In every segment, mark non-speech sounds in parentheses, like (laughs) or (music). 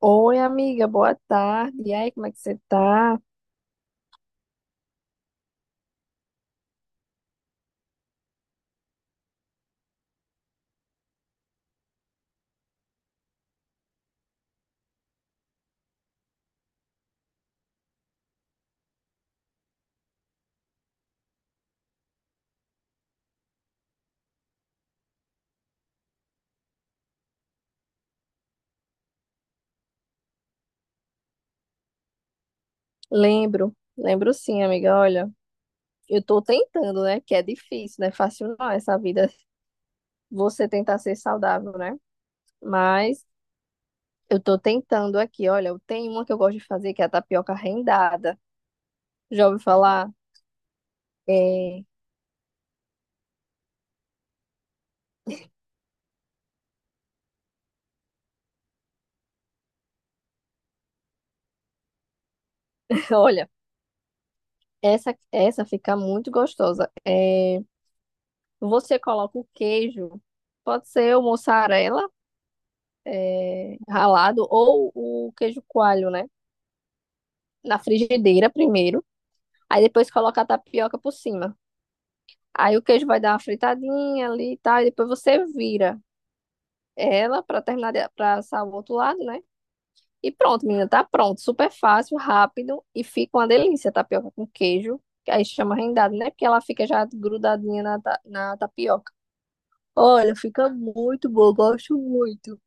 Oi, amiga, boa tarde. E aí, como é que você tá? Lembro, sim, amiga. Olha, eu tô tentando, né? Que é difícil, não é fácil não, essa vida, você tentar ser saudável, né? Mas eu tô tentando aqui. Olha, eu tenho uma que eu gosto de fazer, que é a tapioca rendada. Já ouviu falar? É... (laughs) Olha, essa fica muito gostosa. É... Você coloca o queijo, pode ser o mussarela, é... ralado, ou o queijo coalho, né? Na frigideira primeiro, aí depois coloca a tapioca por cima. Aí o queijo vai dar uma fritadinha ali e tal, e depois você vira ela para terminar para assar o outro lado, né? E pronto, menina, tá pronto, super fácil, rápido e fica uma delícia a tapioca com queijo, que aí chama rendado, né? Porque ela fica já grudadinha na, na tapioca. Olha, fica muito bom, gosto muito.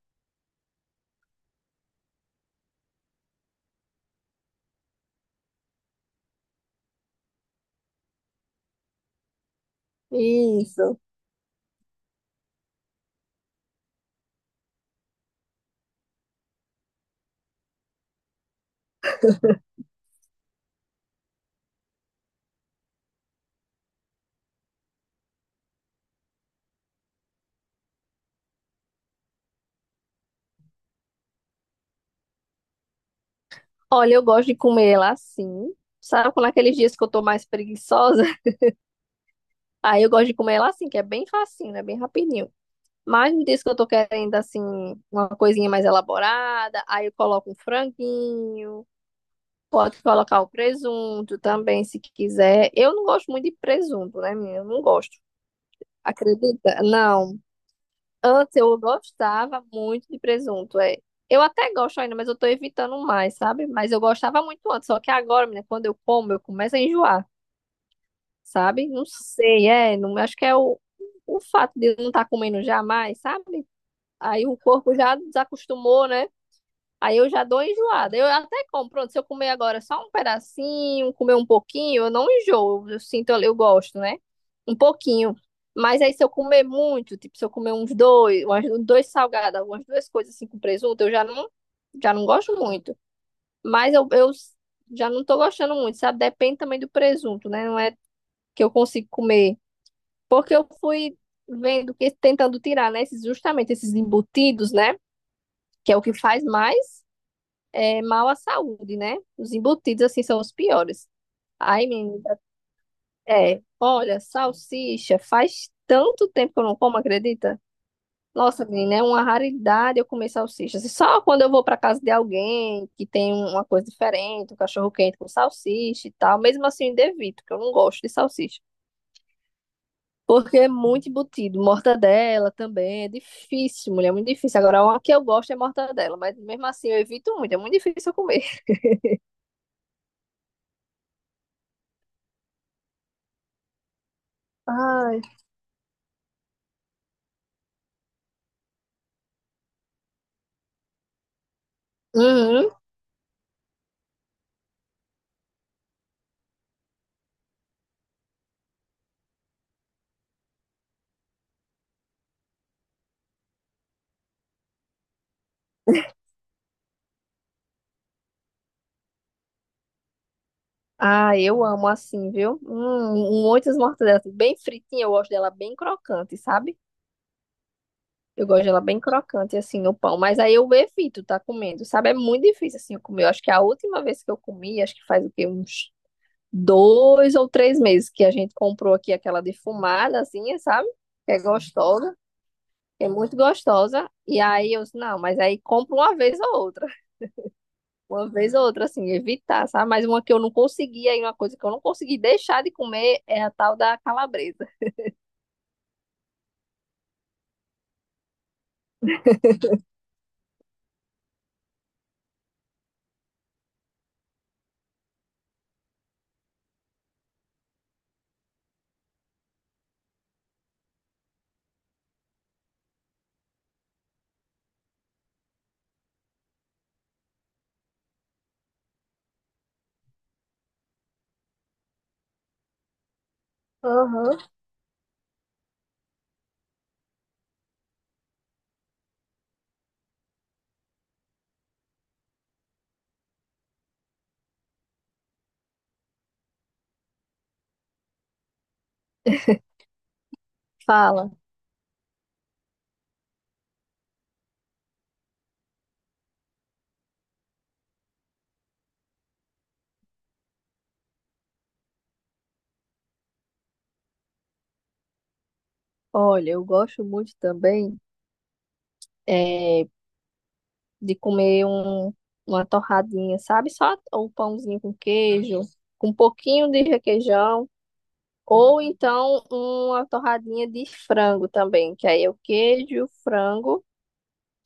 Isso. Olha, eu gosto de comer ela assim. Sabe, quando aqueles dias que eu tô mais preguiçosa, aí eu gosto de comer ela assim, que é bem facinho, né? Bem rapidinho. Mas no dias que eu tô querendo, assim, uma coisinha mais elaborada, aí eu coloco um franguinho, pode colocar o presunto também, se quiser. Eu não gosto muito de presunto, né, minha? Eu não gosto. Acredita? Não. Antes eu gostava muito de presunto, é. Eu até gosto ainda, mas eu tô evitando mais, sabe? Mas eu gostava muito antes, só que agora, menina, quando eu como, eu começo a enjoar, sabe? Não sei, é, não, acho que é o fato de eu não estar comendo jamais, sabe? Aí o corpo já desacostumou, né? Aí eu já dou enjoada. Eu até como, pronto, se eu comer agora só um pedacinho, comer um pouquinho, eu não enjoo, eu sinto, eu gosto, né? Um pouquinho. Mas aí se eu comer muito, tipo, se eu comer uns dois, umas, dois salgados, umas duas coisas assim com presunto, eu já não gosto muito. Mas eu já não tô gostando muito, sabe? Depende também do presunto, né? Não é que eu consigo comer. Porque eu fui vendo que tentando tirar, né, esses, justamente esses embutidos, né, que é o que faz mais é, mal à saúde, né? Os embutidos assim são os piores. Ai, menina, é, olha, salsicha, faz tanto tempo que eu não como, acredita? Nossa, menina, é uma raridade eu comer salsicha. Assim, só quando eu vou para casa de alguém que tem uma coisa diferente, um cachorro quente com salsicha e tal, mesmo assim eu ainda evito, porque eu não gosto de salsicha. Porque é muito embutido. Mortadela também é difícil, mulher, é muito difícil. Agora, uma que eu gosto é mortadela, mas mesmo assim eu evito muito, é muito difícil eu comer. Ai, uhum. Ah, eu amo assim, viu? Muitas mortadelas, assim, bem fritinha, eu gosto dela bem crocante, sabe? Eu gosto dela bem crocante, assim, no pão. Mas aí eu evito tá comendo, sabe? É muito difícil, assim, eu comer. Eu acho que a última vez que eu comi, acho que faz o quê? Uns dois ou três meses que a gente comprou aqui aquela defumada, assim, sabe? Que é gostosa. É muito gostosa. E aí eu disse, não, mas aí compro uma vez ou outra. Uma vez ou outra, assim, evitar, sabe? Mas uma que eu não consegui, aí uma coisa que eu não consegui deixar de comer é a tal da calabresa. Aham. Fala, olha, eu gosto muito também é, de comer um, uma torradinha, sabe? Só um pãozinho com queijo, com um pouquinho de requeijão. Ou então uma torradinha de frango também, que aí é o queijo, frango.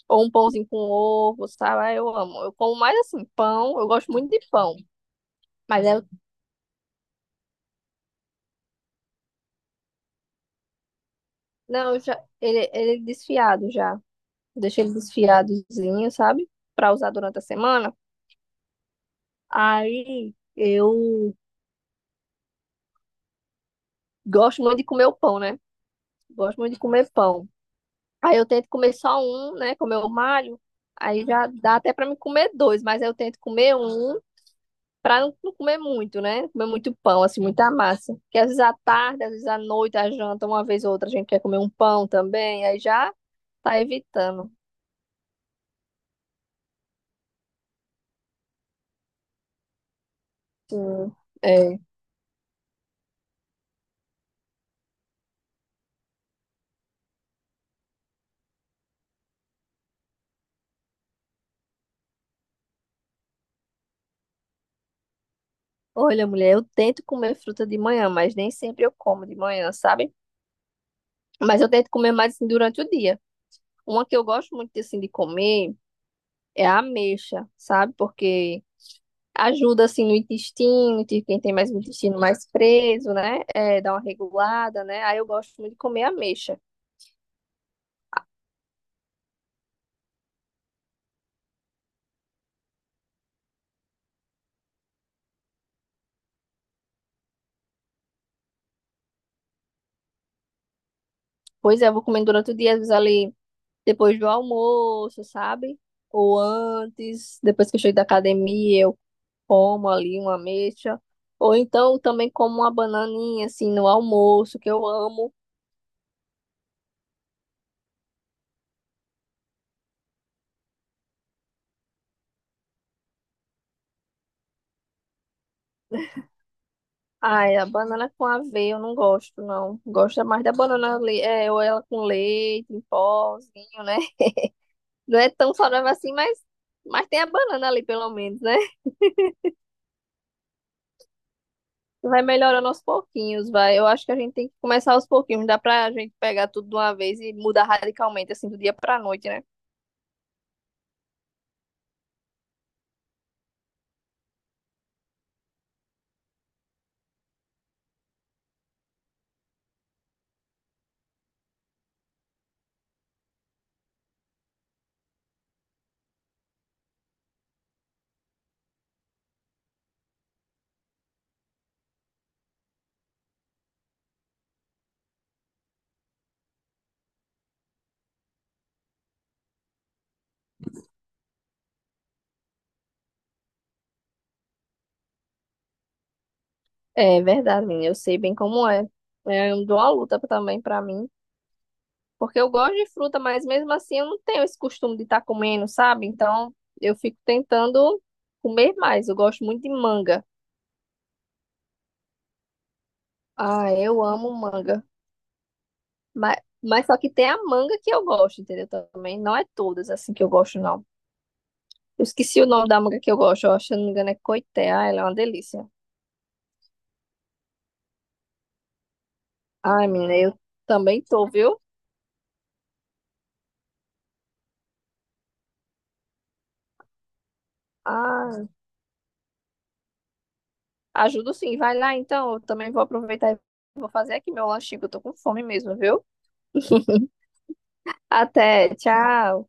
Ou um pãozinho com ovo, sabe? Ah, eu amo. Eu como mais assim, pão. Eu gosto muito de pão. Mas é, não, eu já, ele é desfiado já. Deixei ele desfiadozinho, sabe? Pra usar durante a semana. Aí eu gosto muito de comer o pão, né? Gosto muito de comer pão. Aí eu tento comer só um, né? Comer o Mário. Aí já dá até pra me comer dois, mas aí eu tento comer um. Pra não, comer muito, né? Comer muito pão, assim, muita massa. Porque às vezes à tarde, às vezes à noite, à janta, uma vez ou outra, a gente quer comer um pão também, aí já tá evitando. Sim. É. Olha, mulher, eu tento comer fruta de manhã, mas nem sempre eu como de manhã, sabe? Mas eu tento comer mais assim, durante o dia. Uma que eu gosto muito assim de comer é a ameixa, sabe? Porque ajuda assim no intestino, tipo, quem tem mais o intestino mais preso, né? É, dá uma regulada, né? Aí eu gosto muito de comer ameixa. Pois é, eu vou comendo durante o dia, às vezes ali depois do almoço, sabe? Ou antes, depois que eu chego da academia, eu como ali uma ameixa. Ou então eu também como uma bananinha, assim, no almoço, que eu amo. Ai, a banana com aveia eu não gosto, não. Gosto é mais da banana, é, ou ela com leite, em pozinho, né? Não é tão saudável assim, mas tem a banana ali, pelo menos, né? Vai melhorando aos pouquinhos, vai. Eu acho que a gente tem que começar aos pouquinhos. Não dá pra gente pegar tudo de uma vez e mudar radicalmente, assim, do dia pra noite, né? É verdade, menina. Eu sei bem como é. É, eu dou uma luta também pra mim. Porque eu gosto de fruta, mas mesmo assim eu não tenho esse costume de estar comendo, sabe? Então eu fico tentando comer mais. Eu gosto muito de manga. Ah, eu amo manga. Mas, mas só que tem a manga que eu gosto, entendeu? Também não é todas assim que eu gosto, não. Eu esqueci o nome da manga que eu gosto, ó, se eu não me engano é Coité. Ah, ela é uma delícia. Ai, menina, eu também tô, viu? Ah, ajudo sim, vai lá então. Eu também vou aproveitar e vou fazer aqui meu lanchinho, que eu tô com fome mesmo, viu? (laughs) Até, tchau.